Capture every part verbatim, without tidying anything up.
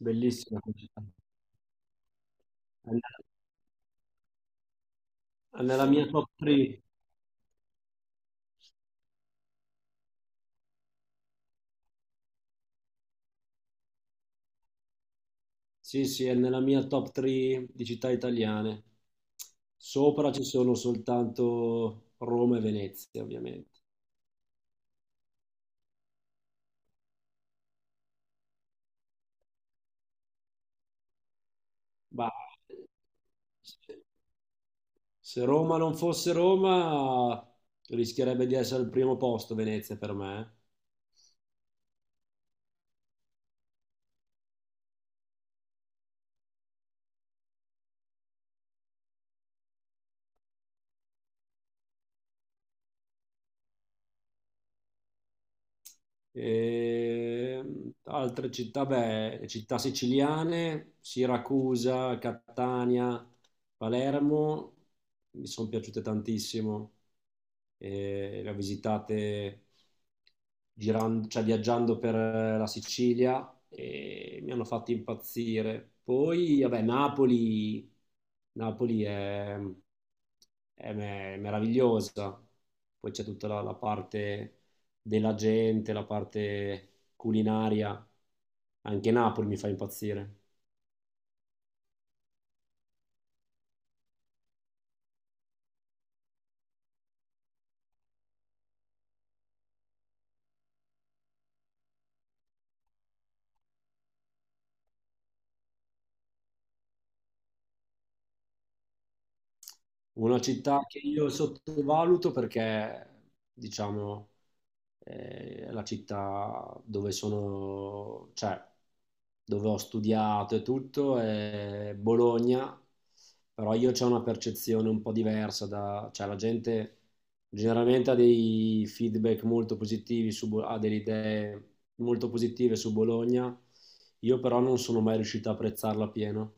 Bellissima città. È ne- è nella mia top tre. Sì, sì, è nella mia top tre di città italiane. Sopra ci sono soltanto Roma e Venezia, ovviamente. Ma se Roma non fosse Roma, rischierebbe di essere al primo posto Venezia per me, eh. Ehm, altre città, beh, città siciliane, Siracusa, Catania, Palermo, mi sono piaciute tantissimo. E le ho visitate girando, cioè viaggiando per la Sicilia, e mi hanno fatto impazzire. Poi, vabbè, Napoli, Napoli è, è me- meravigliosa. Poi c'è tutta la la parte della gente, la parte culinaria. Anche Napoli mi fa impazzire. Una città che io sottovaluto perché, diciamo, eh, è la città dove sono, cioè, dove ho studiato e tutto, è Bologna, però io c'ho una percezione un po' diversa da, cioè, la gente generalmente ha dei feedback molto positivi su, Bo- ha delle idee molto positive su Bologna, io però non sono mai riuscito a apprezzarla pieno.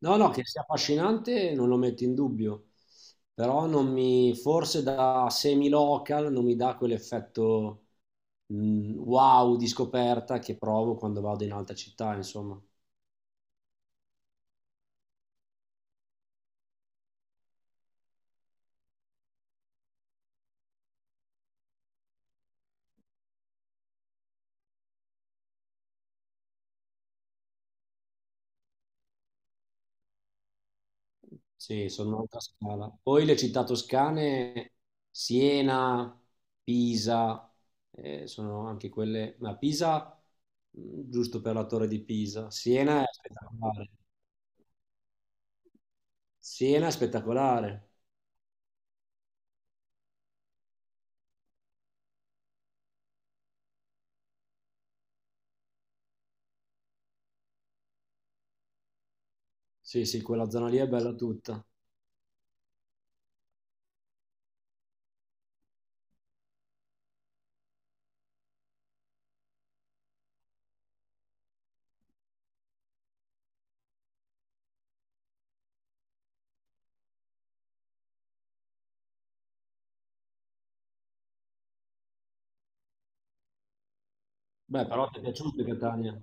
No, no, che sia affascinante non lo metto in dubbio, però non mi, forse da semi-local non mi dà quell'effetto, mh, wow di scoperta che provo quando vado in altre città, insomma. Sì, sono un'altra scala. Poi le città toscane, Siena, Pisa, eh, sono anche quelle, ma Pisa, mh, giusto per la torre di Pisa, Siena è spettacolare. Siena è spettacolare. Sì, sì, quella zona lì è bella tutta. Beh, però ti è piaciuta Catania.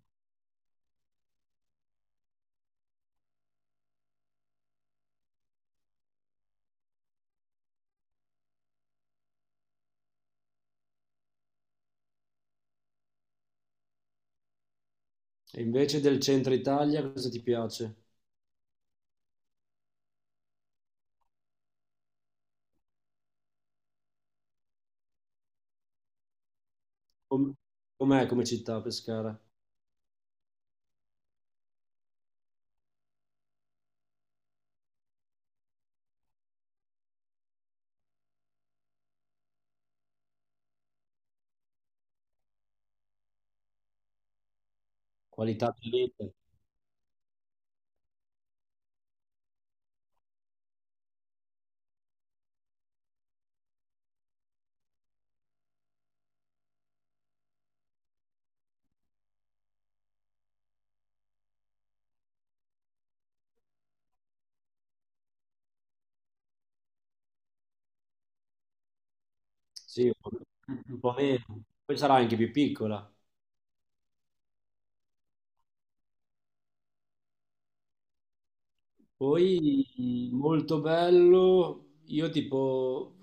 E invece del centro Italia cosa ti piace? Com- Com'è come città Pescara? Qualità di vita? Sì, un po' un po' meno. Poi sarà anche più piccola. Poi molto bello. Io tipo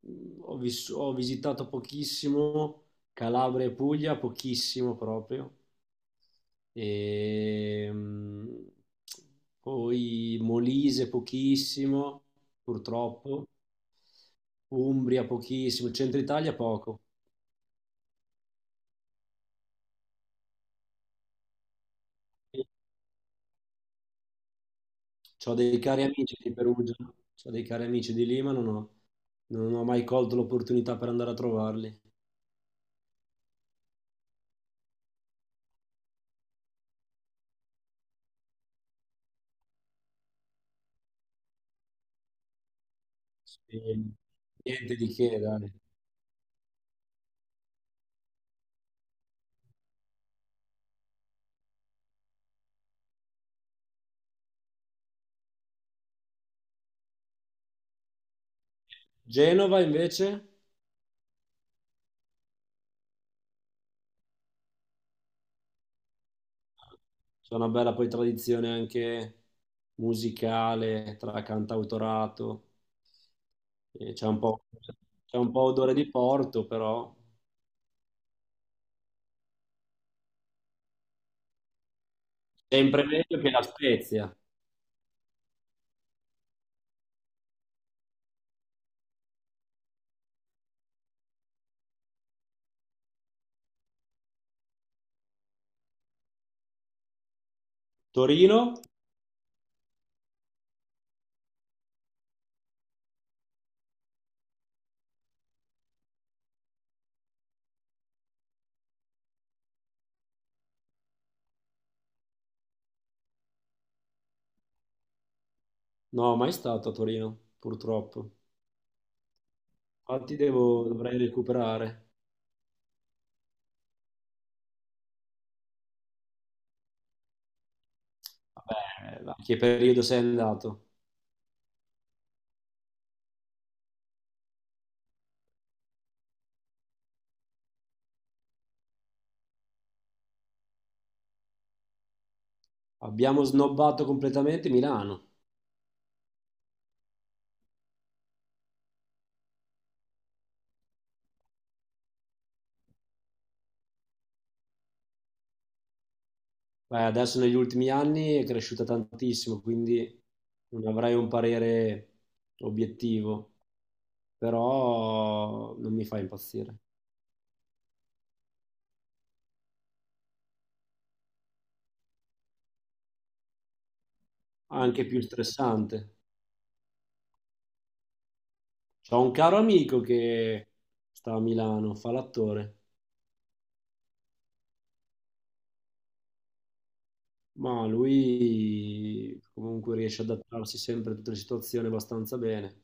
mh, ho, vis- ho visitato pochissimo Calabria e Puglia, pochissimo proprio. Ehm, Poi Molise pochissimo, purtroppo, Umbria pochissimo, Centro Italia poco. Ho dei cari amici di Perugia, ho dei cari amici di Lima, non ho, non ho mai colto l'opportunità per andare a trovarli. Sì, niente di che, dai. Genova invece, c'è una bella poi tradizione anche musicale tra cantautorato. E c'è un po', c'è un po' odore di Porto, però sempre meglio che la Spezia. Torino? No, mai stato a Torino, purtroppo. Infatti devo- dovrei recuperare. Vabbè, ma che periodo sei andato? Abbiamo snobbato completamente Milano. Beh, adesso negli ultimi anni è cresciuta tantissimo, quindi non avrei un parere obiettivo, però non mi fa impazzire. Anche più stressante. C'ho un caro amico che sta a Milano, fa l'attore, ma lui comunque riesce ad adattarsi sempre a tutte le situazioni abbastanza bene.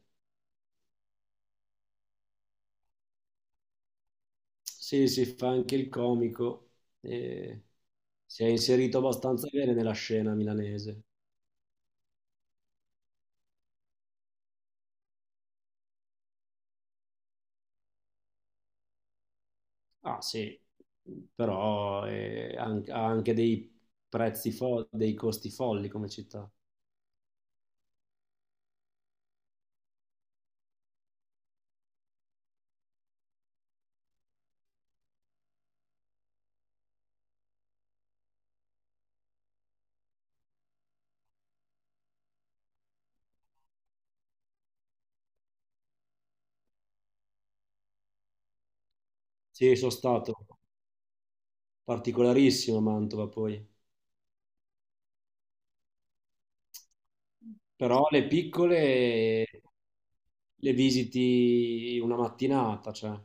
Sì, sì, fa anche il comico e si è inserito abbastanza bene nella scena milanese. Ah, sì, però è an- ha anche dei prezzi fo- dei costi folli come città. Sì, sono stato particolarissimo a Mantova poi, però le piccole le visiti una mattinata, cioè.